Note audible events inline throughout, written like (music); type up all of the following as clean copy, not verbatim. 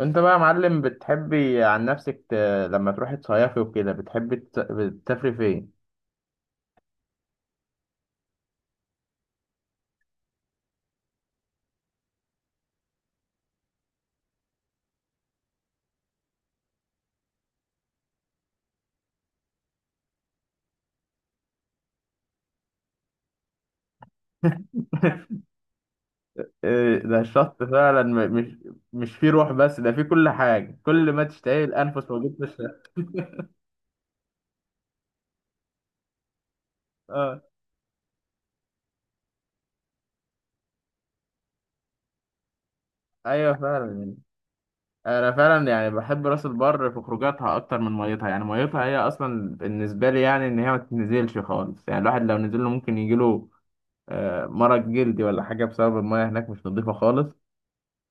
انت بقى يا معلم بتحبي عن نفسك ت... لما تروحي تصيفي وكده بتحبي تسافري فين؟ (laughs) إيه ده الشط فعلا، مش فيه روح، بس ده فيه كل حاجة، كل ما تشتهي الأنفس موجود في الشط. اه، ايوه فعلا. انا فعلا يعني بحب راس البر في خروجاتها اكتر من ميتها، يعني ميتها هي اصلا بالنسبه لي يعني ان هي ما تنزلش خالص، يعني الواحد لو نزل له ممكن يجيله مرض جلدي ولا حاجه بسبب الميه هناك مش نظيفه خالص.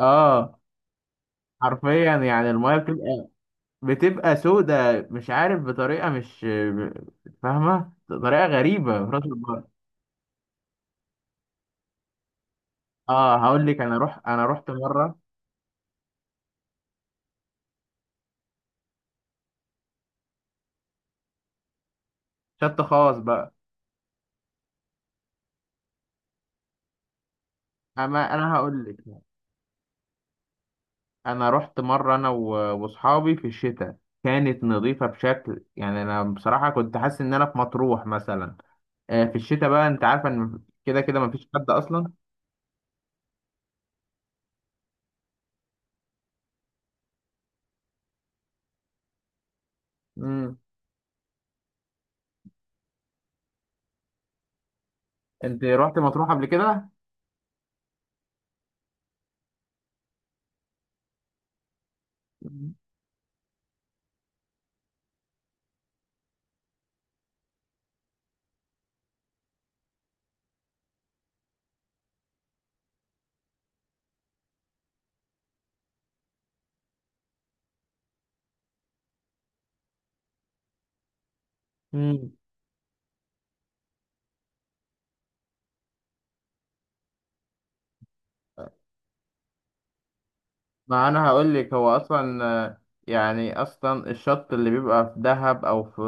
اه، حرفيا يعني الميه بتبقى، بتبقى سودة، مش عارف بطريقه، مش فاهمه، طريقه غريبه في راس البر. اه، هقول لك، انا روح، انا رحت مره. شط خاص بقى، اما انا هقول لك، انا رحت مره انا واصحابي في الشتاء. كانت نظيفه بشكل، يعني انا بصراحه كنت حاسس ان انا في مطروح مثلا. في الشتاء بقى انت عارفه ان كده كده مفيش حد اصلا. امم. انت رحت مطروح قبل كده؟ مم. ما انا هقول لك، هو اصلا يعني اصلا الشط اللي بيبقى في دهب او في،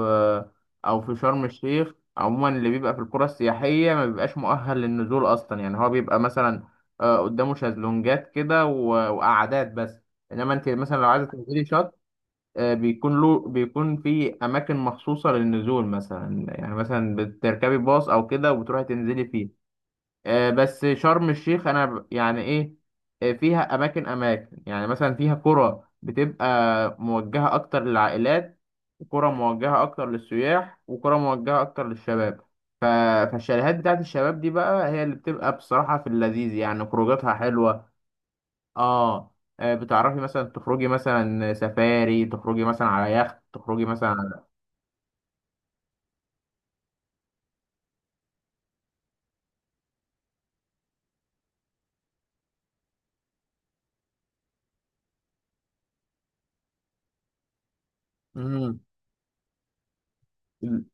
او في شرم الشيخ عموما، اللي بيبقى في القرى السياحيه ما بيبقاش مؤهل للنزول اصلا، يعني هو بيبقى مثلا قدامه شازلونجات كده وقعدات بس. انما انت مثلا لو عايزه تنزلي شط، بيكون له، بيكون في اماكن مخصوصه للنزول مثلا، يعني مثلا بتركبي باص او كده وبتروحي تنزلي فيه. بس شرم الشيخ انا يعني ايه، فيها اماكن، اماكن يعني مثلا فيها قرى بتبقى موجهه اكتر للعائلات، وقرى موجهه اكتر للسياح، وقرى موجهه اكتر للشباب. ف- فالشاليهات بتاعت الشباب دي بقى هي اللي بتبقى بصراحه في اللذيذ، يعني خروجاتها حلوه. اه، بتعرفي مثلا تخرجي مثلا سفاري، تخرجي مثلا على يخت، تخرجي مثلا على... امم ال-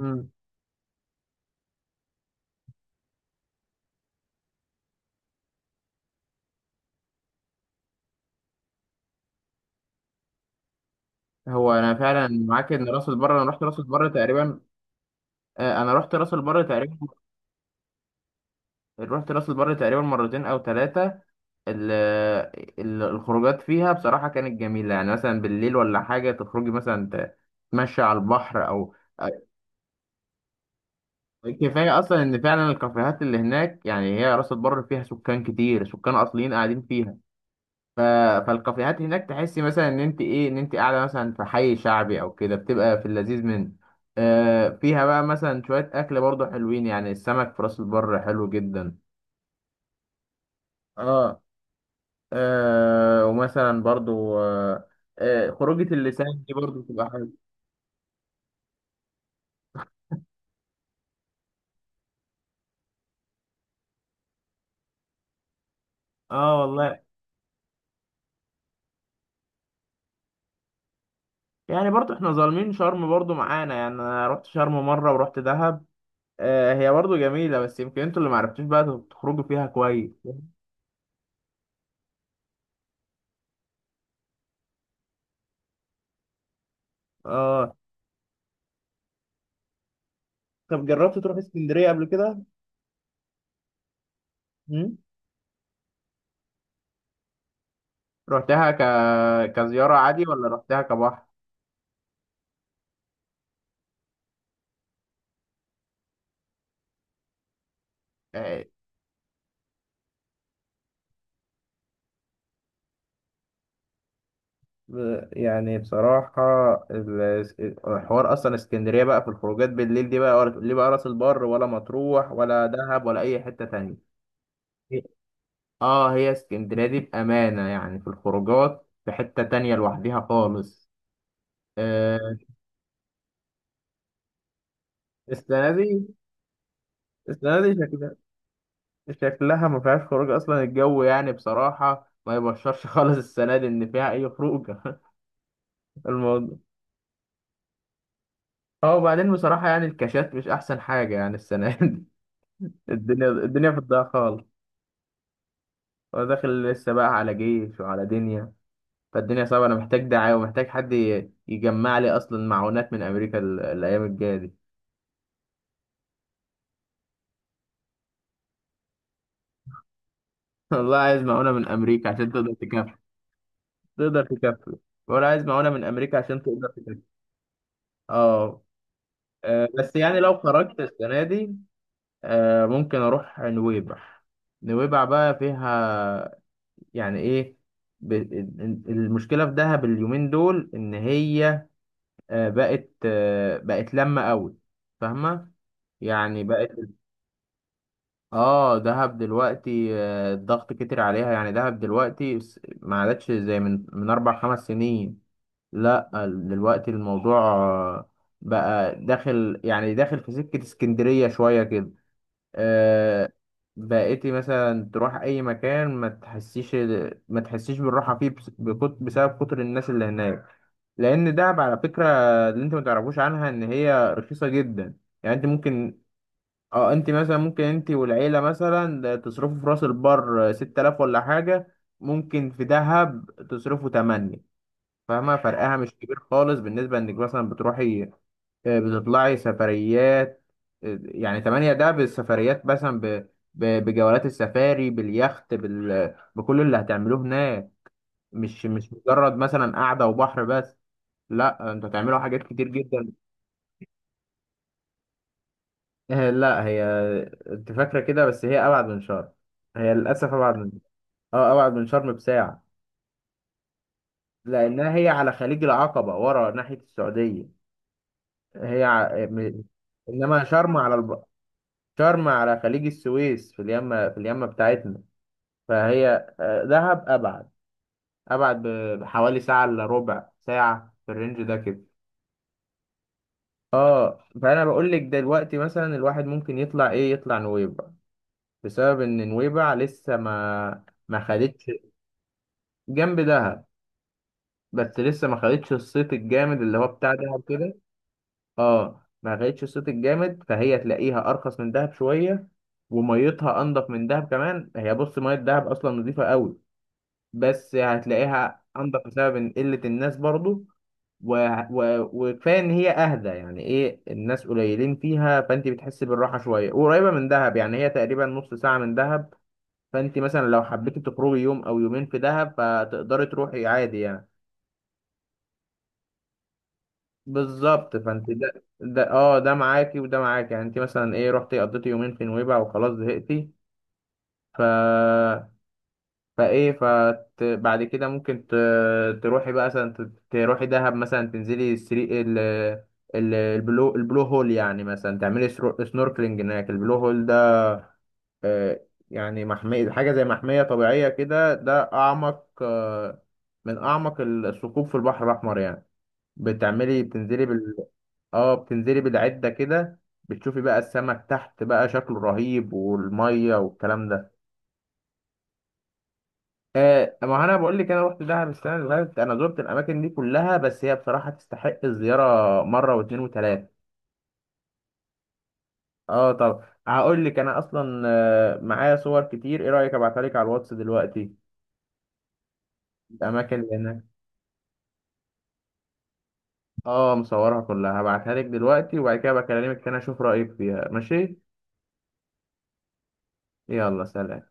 امم هو انا فعلا معاك ان راس البر، انا رحت راس البر تقريبا، انا رحت راس البر تقريبا، رحت راس البر تقريبا مرتين او ثلاثه. الخروجات فيها بصراحه كانت جميله، يعني مثلا بالليل ولا حاجه، تخرجي مثلا تمشي على البحر او... كفايه اصلا ان فعلا الكافيهات اللي هناك، يعني هي راس البر فيها سكان كتير، سكان اصليين قاعدين فيها. ف... فالكافيهات هناك تحسي مثلا ان انت ايه، ان انت قاعده مثلا في حي شعبي او كده، بتبقى في اللذيذ منه. فيها بقى مثلا شويه اكل برضه حلوين، يعني السمك في راس البر حلو جدا. اه. آه، ومثلا برضو آه، آه خروجة اللسان دي برضو تبقى حلوة. اه والله. يعني برضو احنا ظالمين شرم برضو معانا، يعني انا رحت شرم مرة ورحت دهب، آه هي برضو جميلة بس يمكن انتوا اللي معرفتوش بقى تخرجوا فيها كويس. اه. طب جربت تروح اسكندرية قبل كده؟ مم؟ رحتها كزيارة عادي ولا رحتها كبحر؟ يعني بصراحة ال- الحوار أصلا اسكندرية بقى في الخروجات بالليل دي بقى، ولا ليه بقى راس البر ولا مطروح ولا دهب ولا أي حتة تانية. اه، هي اسكندرية دي بأمانة يعني في الخروجات في حتة تانية لوحديها خالص. آه. السنة دي السنة دي شكلها، شكلها ما فيهاش خروج أصلا. الجو يعني بصراحة ما يبشرش (laughs) خالص السنة دي إن فيها أي خروجة. (laughs) الموضوع. اه، وبعدين بصراحة يعني الكاشات مش أحسن حاجة يعني السنة دي. (laughs) الدنيا في الضياع خالص. داخل لسه بقى على جيش وعلى دنيا، فالدنيا صعبة. أنا محتاج دعاية ومحتاج حد يجمع لي أصلا معونات من أمريكا الأيام الجاية دي. (laughs) والله عايز معونة من أمريكا عشان تقدر تكفي، تقدر تكفي، ولا عايز معونة من أمريكا عشان تقدر تكفي. أه. بس يعني لو خرجت السنة دي، ممكن أروح نويبع. نويبع بقى فيها يعني إيه، المشكلة في دهب اليومين دول إن هي بقت، بقت لما قوي، فاهمة، يعني بقت... اه، دهب دلوقتي الضغط كتر عليها، يعني دهب دلوقتي ما عادتش زي من 4 5 سنين. لا دلوقتي الموضوع بقى داخل، يعني داخل في سكة اسكندرية شوية كده. آه. بقيتي مثلا تروح اي مكان ما تحسيش، ما تحسيش بالراحة فيه، بسبب كتر الناس اللي هناك. لان دهب على فكرة، اللي انت ما تعرفوش عنها، ان هي رخيصة جدا، يعني انت ممكن... اه، انت مثلا ممكن انت والعيلة مثلا تصرفوا في راس البر 6000 ولا حاجة، ممكن في دهب تصرفوا تمانية. فاهمة فرقها مش كبير خالص بالنسبة انك مثلا بتروحي بتطلعي سفريات. يعني تمانية ده بالسفريات، مثلا بجولات السفاري، باليخت، بكل اللي هتعملوه هناك. مش مجرد مثلا قعدة وبحر بس. لا، انتوا هتعملوا حاجات كتير جدا. (laughs) لا هي، انت فاكرة كده بس هي أبعد من شرم. هي للأسف أبعد. اه، ابعد من شرم بساعة. لانها هي على خليج العقبة ورا ناحية السعودية، هي ع... م... انما شرم على شرم على خليج السويس، في اليمة، في اليمة بتاعتنا، فهي دهب ابعد، ابعد بحوالي ساعة الا ربع ساعة في الرينج ده كده. اه، فانا بقول لك دلوقتي مثلا الواحد ممكن يطلع ايه، يطلع نويبع، بسبب ان نويبع لسه ما خدتش، جنب دهب، بس لسه ما خدتش الصيت الجامد اللي هو بتاع دهب كده. اه، ما خدتش الصيت الجامد، فهي تلاقيها ارخص من دهب شويه، وميتها انضف من دهب كمان. هي بص، ميه دهب اصلا نظيفه قوي بس هتلاقيها انضف بسبب إن قله الناس برضو، و... وكفايه ان هي اهدى، يعني ايه، الناس قليلين فيها، فانت بتحسي بالراحه شويه. قريبه من دهب، يعني هي تقريبا نص ساعه من دهب، فانت مثلا لو حبيتي تخرجي يوم او يومين في دهب فتقدري تروحي عادي يعني. بالظبط، فانت ده اه ده معاكي وده معاكي، يعني انت مثلا ايه، رحتي قضيتي يومين في نويبع وخلاص زهقتي، ف بعد كده ممكن تروحي بقى مثلا تروحي دهب، مثلا تنزلي السري البلو هول، يعني مثلا تعملي سنوركلينج هناك. البلو هول ده يعني محمية، حاجة زي محمية طبيعية كده، ده أعمق من أعمق الثقوب في البحر الأحمر يعني. بتعملي، بتنزلي، اه، بتنزلي بالعدة كده، بتشوفي بقى السمك تحت بقى شكله رهيب والمية والكلام ده. آه، ما انا بقول لك انا رحت دهب السنة اللي فاتت، انا زرت الاماكن دي كلها بس هي بصراحة تستحق الزيارة مرة واتنين وتلاتة. اه، طب هقول لك انا اصلا معايا صور كتير، ايه رأيك ابعتها لك على الواتس دلوقتي، الاماكن اللي هناك. اه، مصورها كلها، هبعتها لك دلوقتي وبعد كده بكلمك تاني اشوف رأيك فيها، ماشي. يلا سلام.